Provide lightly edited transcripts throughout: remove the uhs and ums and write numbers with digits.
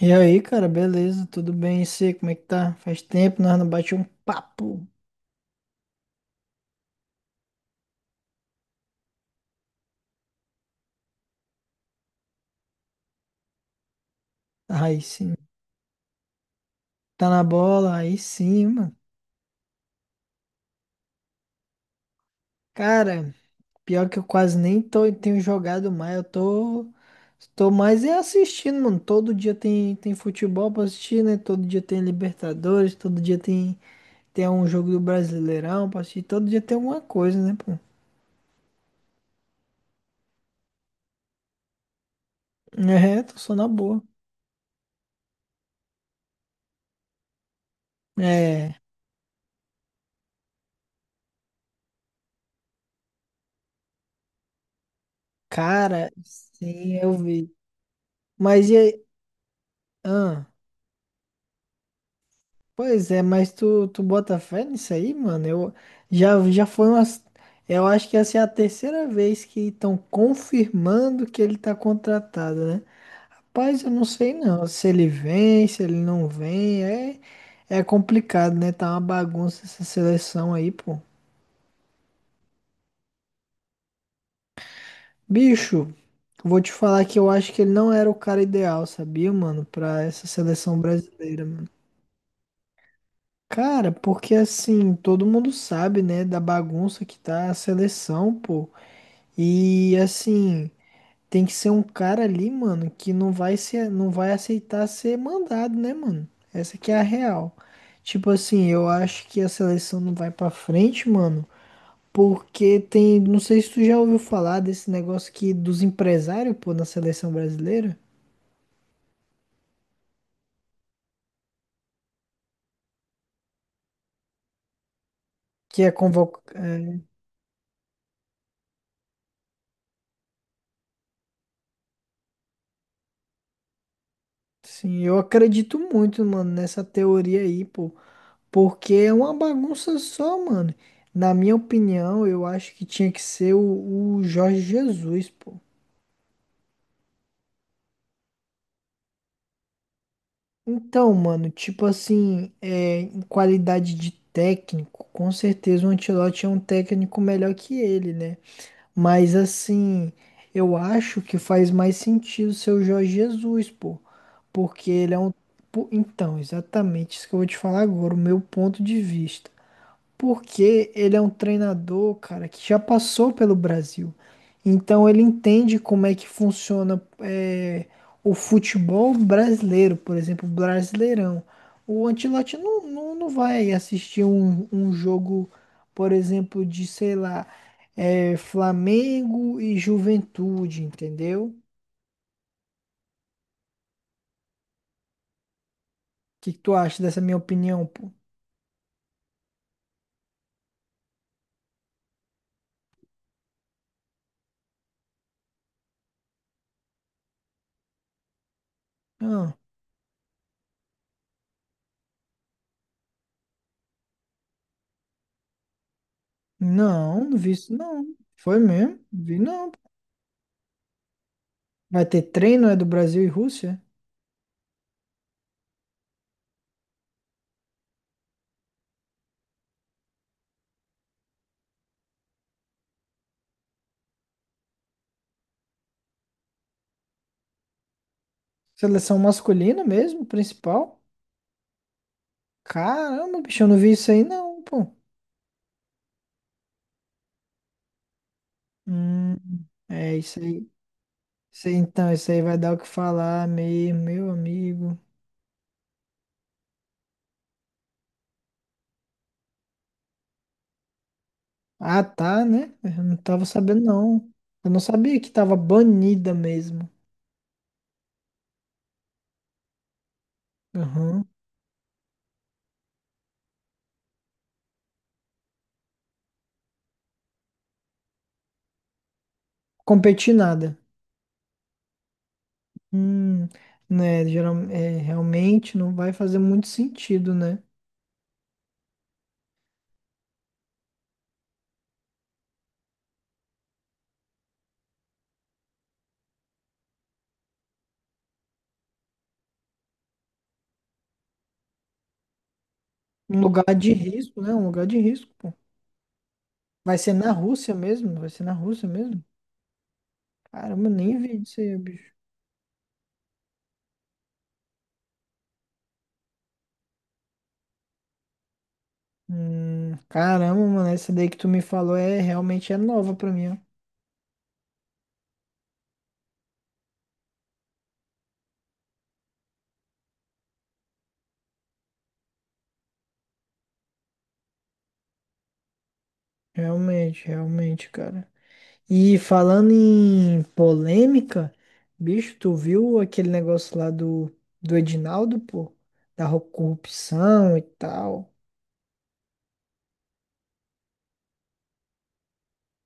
E aí, cara, beleza? Tudo bem? E você, como é que tá? Faz tempo, nós não bate um papo. Aí sim. Tá na bola? Aí sim, mano. Cara, pior que eu quase nem tô, tenho jogado mais. Eu tô mais é assistindo, mano. Todo dia tem futebol pra assistir, né? Todo dia tem Libertadores, todo dia tem um jogo do Brasileirão pra assistir. Todo dia tem alguma coisa, né, pô? É, tô só na boa. É, cara, sim, eu vi. Mas e aí? Ahn? Pois é, mas tu bota fé nisso aí, mano? Eu já foi umas. Eu acho que essa é a terceira vez que estão confirmando que ele tá contratado, né? Rapaz, eu não sei não. Se ele vem, se ele não vem, é complicado, né? Tá uma bagunça essa seleção aí, pô. Bicho, vou te falar que eu acho que ele não era o cara ideal, sabia, mano? Pra essa seleção brasileira, mano. Cara, porque assim, todo mundo sabe, né, da bagunça que tá a seleção, pô. E assim, tem que ser um cara ali, mano, que não vai ser, não vai aceitar ser mandado, né, mano? Essa que é a real. Tipo assim, eu acho que a seleção não vai pra frente, mano, porque tem, não sei se tu já ouviu falar desse negócio aqui dos empresários, pô, na seleção brasileira, que é convoc... sim, eu acredito muito, mano, nessa teoria aí, pô. Porque é uma bagunça só, mano. Na minha opinião, eu acho que tinha que ser o Jorge Jesus, pô. Então, mano, tipo assim, em qualidade de técnico, com certeza o Ancelotti é um técnico melhor que ele, né? Mas assim, eu acho que faz mais sentido ser o Jorge Jesus, pô. Porque ele é um. Pô, então, exatamente isso que eu vou te falar agora, o meu ponto de vista. Porque ele é um treinador, cara, que já passou pelo Brasil. Então ele entende como é que funciona o futebol brasileiro, por exemplo, o Brasileirão. O Ancelotti não vai assistir um jogo, por exemplo, de, sei lá, Flamengo e Juventude, entendeu? O que tu acha dessa minha opinião, pô? Ah, não vi isso, não. Foi mesmo? Vi não. Vai ter treino, é do Brasil e Rússia? Seleção masculina mesmo, principal? Caramba, bicho, eu não vi isso aí não, pô. Hum, é isso aí. Isso aí, então, isso aí vai dar o que falar mesmo, meu amigo. Ah, tá, né? Eu não tava sabendo, não. Eu não sabia que tava banida mesmo. Aham. Competir nada. Hum, né, geral, realmente não vai fazer muito sentido, né? Um lugar de risco, né? Um lugar de risco, pô. Vai ser na Rússia mesmo? Vai ser na Rússia mesmo? Caramba, eu nem vi isso aí, bicho. Caramba, mano, essa daí que tu me falou realmente é nova pra mim, ó. Realmente, realmente, cara. E falando em polêmica, bicho, tu viu aquele negócio lá do, do Edinaldo, pô? Da ro- corrupção e tal.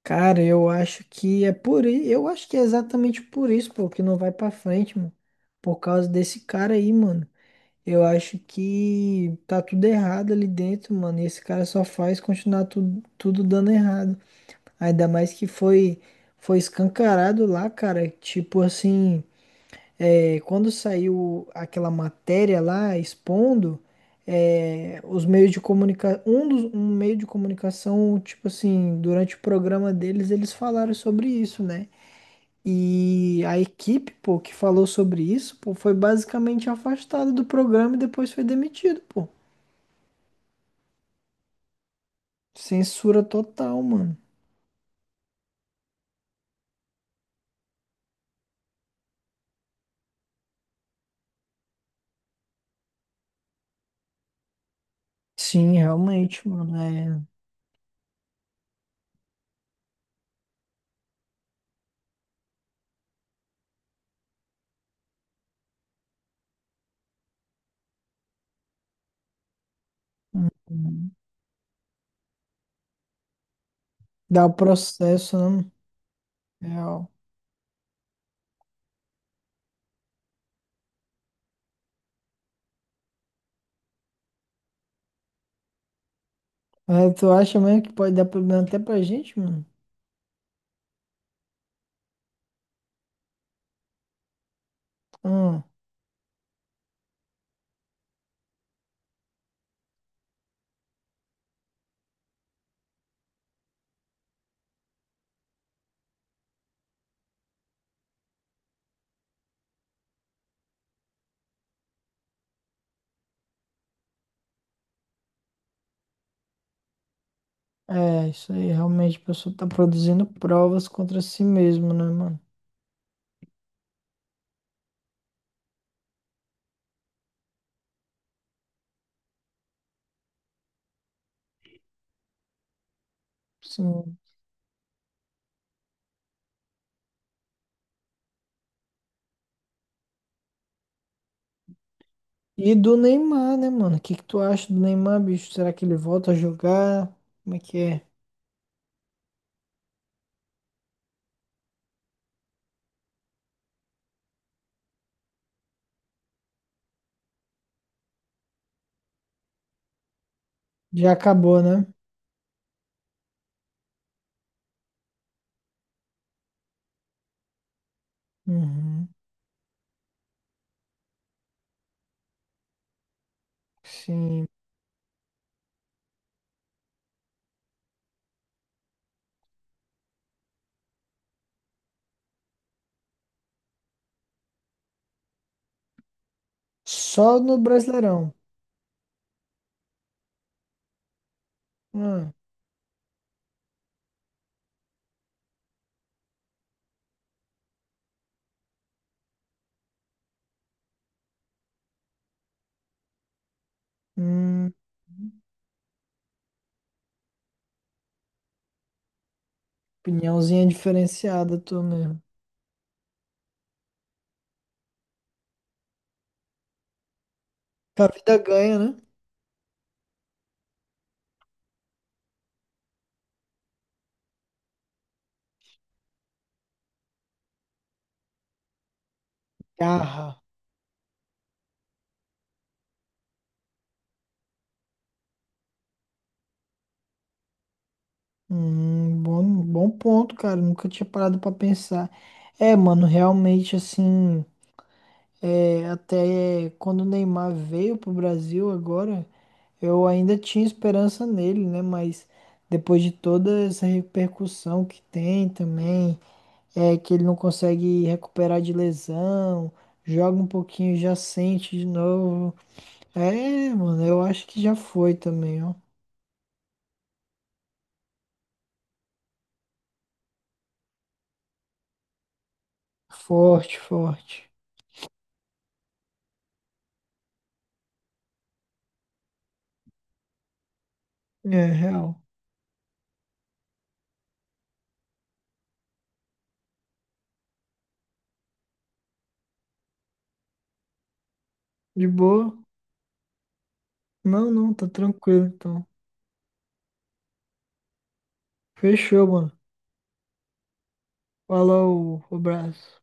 Cara, eu acho que é por isso, eu acho que é exatamente por isso, pô, que não vai pra frente, mano. Por causa desse cara aí, mano. Eu acho que tá tudo errado ali dentro, mano. E esse cara só faz continuar tudo dando errado. Ainda mais que foi escancarado lá, cara. Tipo assim, quando saiu aquela matéria lá expondo, os meios de comunicação, um meio de comunicação, tipo assim, durante o programa deles, eles falaram sobre isso, né? E a equipe, pô, que falou sobre isso, pô, foi basicamente afastada do programa e depois foi demitido, pô. Censura total, mano. Sim, realmente, mano. É... Dá o processo, né? Real. É, tu acha mesmo que pode dar problema até pra gente, mano? Hum, isso aí, realmente, a pessoa tá produzindo provas contra si mesmo, né, mano? Sim. E do Neymar, né, mano? O que que tu acha do Neymar, bicho? Será que ele volta a jogar? Como é que é? Já acabou, né? Uhum, sim. Só no Brasileirão. Ah, hum, opiniãozinha diferenciada tu mesmo. Que a vida ganha, né? Garra. Bom, bom ponto, cara. Nunca tinha parado pra pensar. É, mano, realmente assim, até quando o Neymar veio pro Brasil agora, eu ainda tinha esperança nele, né? Mas depois de toda essa repercussão que tem também. Que ele não consegue recuperar de lesão, joga um pouquinho e já sente de novo. É, mano, eu acho que já foi também, ó. Forte, forte. É, real. De boa? Não, não, tá tranquilo então. Fechou, mano. Falou, abraço.